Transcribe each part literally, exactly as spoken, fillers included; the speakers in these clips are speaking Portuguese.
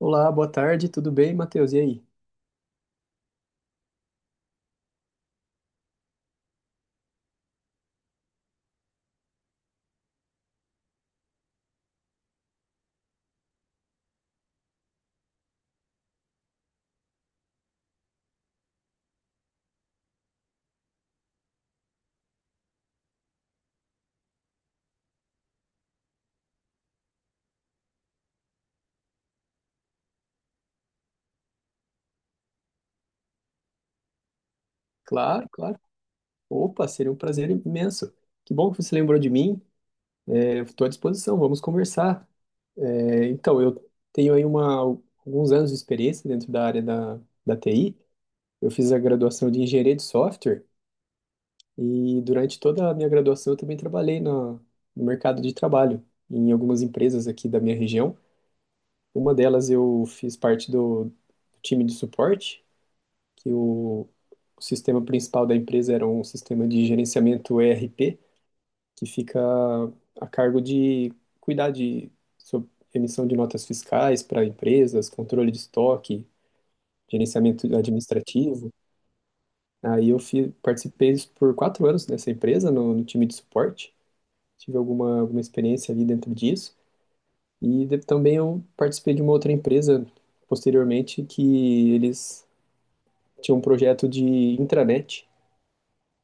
Olá, boa tarde, tudo bem, Matheus? E aí? Claro, claro. Opa, seria um prazer imenso. Que bom que você lembrou de mim. Estou à disposição, vamos conversar. É, então, eu tenho aí uma, alguns anos de experiência dentro da área da, da T I. Eu fiz a graduação de engenharia de software e durante toda a minha graduação eu também trabalhei na- no mercado de trabalho, em algumas empresas aqui da minha região. Uma delas eu fiz parte do, do time de suporte que o, o sistema principal da empresa era um sistema de gerenciamento E R P, que fica a cargo de cuidar de sob- emissão de notas fiscais para empresas, controle de estoque, gerenciamento administrativo. Aí eu fi- participei por quatro anos nessa empresa, no, no time de suporte. Tive alguma, alguma experiência ali dentro disso. E de- também eu participei de uma outra empresa posteriormente que eles tinham um projeto de intranet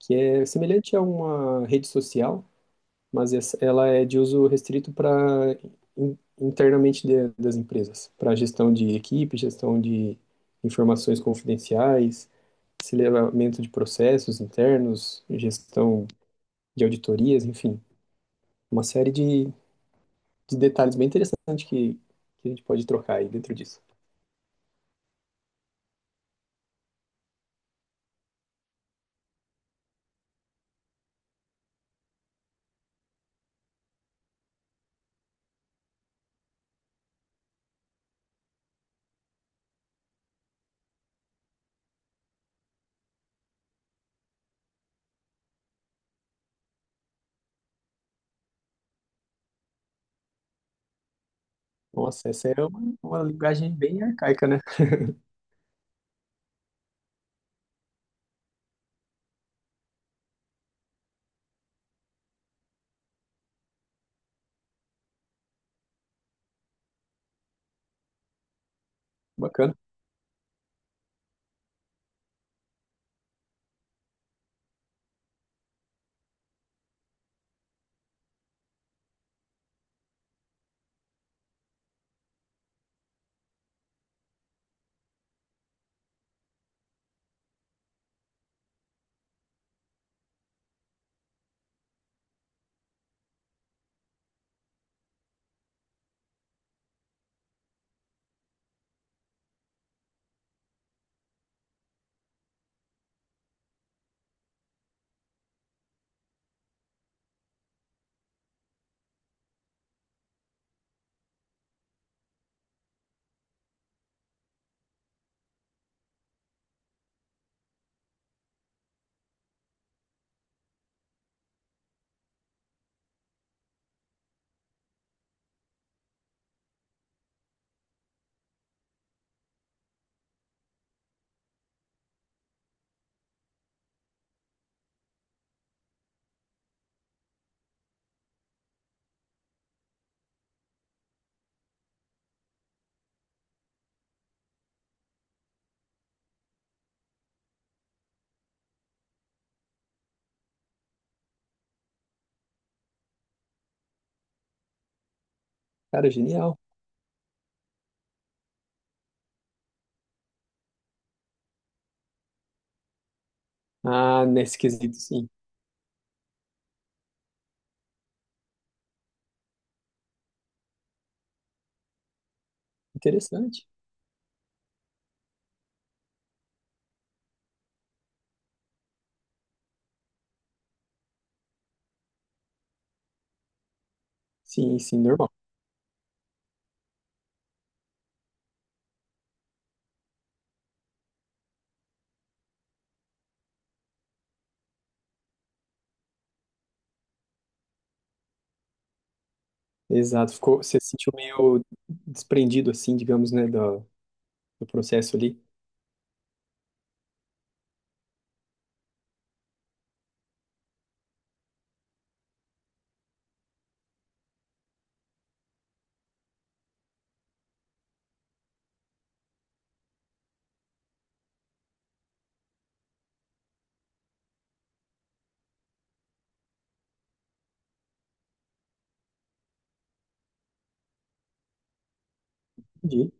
que é semelhante a uma rede social, mas essa- ela é de uso restrito para internamente de- das empresas, para gestão de equipe, gestão de informações confidenciais, aceleramento de processos internos, gestão de auditorias, enfim, uma série de, de detalhes bem interessantes que, que a gente pode trocar aí dentro disso. Nossa, essa é uma, uma linguagem bem arcaica, né? Bacana. Cara, genial. Ah, nesse quesito, sim. Interessante. Sim, sim, normal. Exato, ficou, você se sentiu meio desprendido, assim, digamos, né, do, do processo ali. Entendi.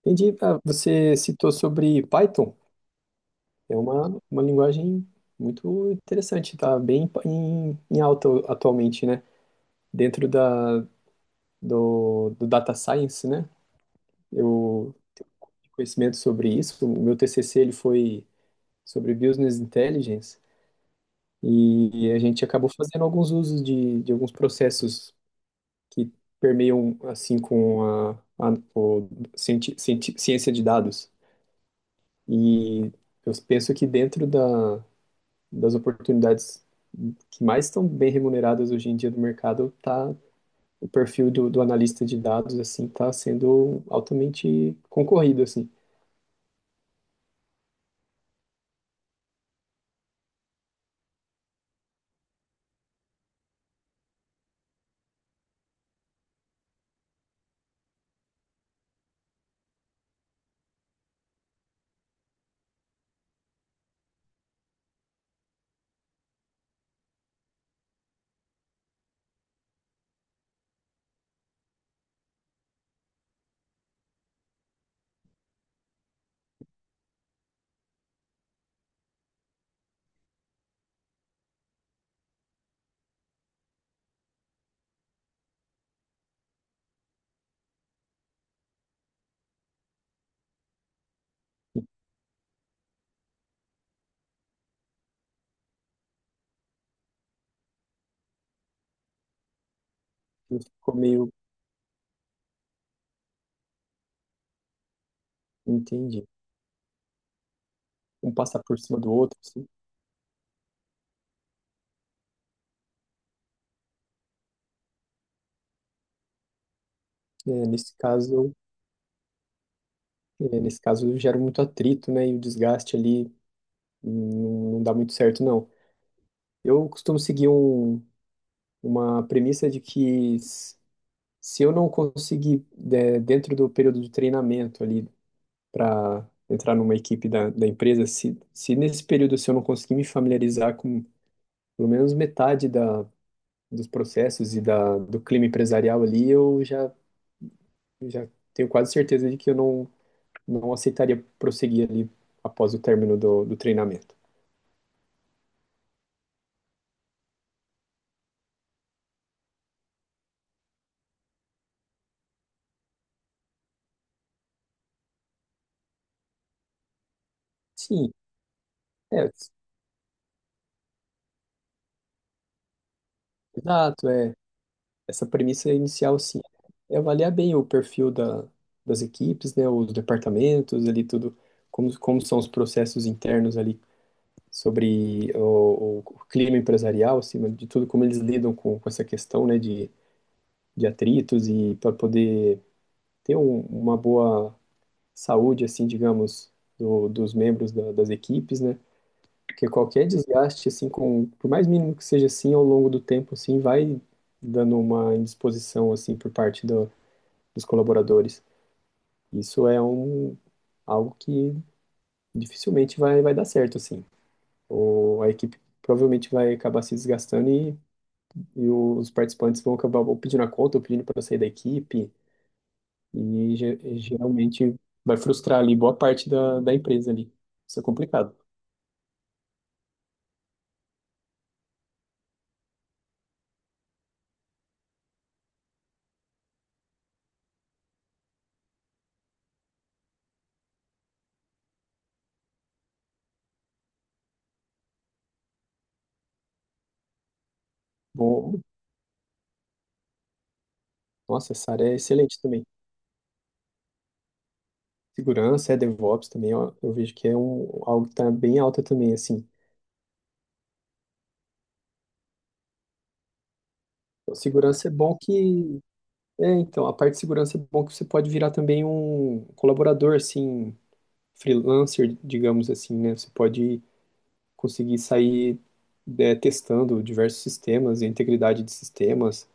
Entendi. Ah, você citou sobre Python, é uma, uma linguagem muito interessante, tá bem em, em alta atualmente, né? Dentro da, do, do data science, né? Eu tenho conhecimento sobre isso. O meu T C C ele foi sobre business intelligence e a gente acabou fazendo alguns usos de, de alguns processos que permeiam assim com a, a o cienti, cienti- ciência de dados. E eu penso que dentro da, das oportunidades que mais estão bem remuneradas hoje em dia do mercado, tá, o perfil do, do analista de dados assim está sendo altamente concorrido assim. Ele ficou meio, entendi, um passar por cima do outro assim. É, nesse caso, é, nesse caso gera muito atrito, né? E o desgaste ali, hum, não, não dá muito certo, não. Eu costumo seguir um, uma premissa de que s- se eu não conseguir, de- dentro do período de treinamento ali, para entrar numa equipe da, da empresa, se, se nesse período se eu não conseguir me familiarizar com pelo menos metade da, dos processos e da, do clima empresarial ali, eu já, já tenho quase certeza de que eu não, não aceitaria prosseguir ali após o término do, do treinamento. Sim, é, exato, é. Essa premissa inicial, sim, é avaliar bem o perfil da, das equipes, né, os departamentos ali, tudo, como, como são os processos internos ali sobre o, o clima empresarial, acima de tudo, como eles lidam com, com essa questão, né, de, de atritos, e para poder ter um- uma boa saúde, assim, digamos, do, dos membros da- das equipes, né, porque qualquer desgaste, assim, com, por mais mínimo que seja assim, ao longo do tempo, assim, vai dando uma indisposição, assim, por parte do dos colaboradores. Isso é um, algo que dificilmente vai, vai dar certo, assim. O, a equipe provavelmente vai acabar se desgastando e, e os participantes vão acabar ou pedindo a conta ou pedindo para sair da equipe e ge- geralmente vai frustrar ali boa parte da, da empresa ali. Isso é complicado. Bom, nossa, essa área é excelente também. Segurança, é DevOps também, ó, eu vejo que é um, algo que está bem alta também, assim. Segurança é bom que É, então, a parte de segurança é bom que você pode virar também um colaborador, assim, freelancer, digamos assim, né? Você pode conseguir sair, é, testando diversos sistemas, a integridade de sistemas,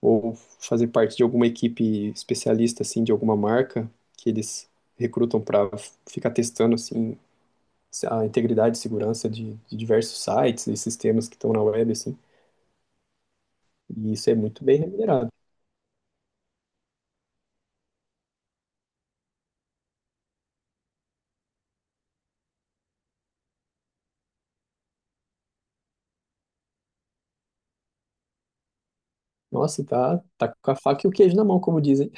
ou fazer parte de alguma equipe especialista, assim, de alguma marca que eles recrutam para ficar testando, assim, a integridade e segurança de, de diversos sites e sistemas que estão na web, assim. E isso é muito bem remunerado. Nossa, tá, tá com a faca e o queijo na mão, como dizem.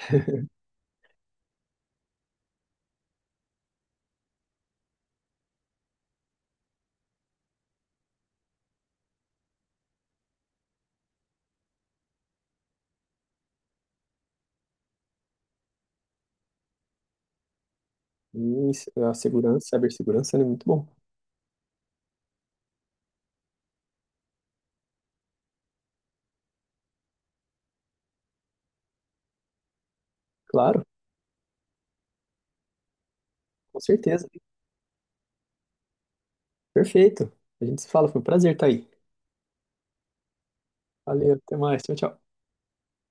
E a segurança, cibersegurança, né, é muito bom. Claro, com certeza. Perfeito. A gente se fala, foi um prazer estar aí. Valeu, até mais. Tchau, tchau.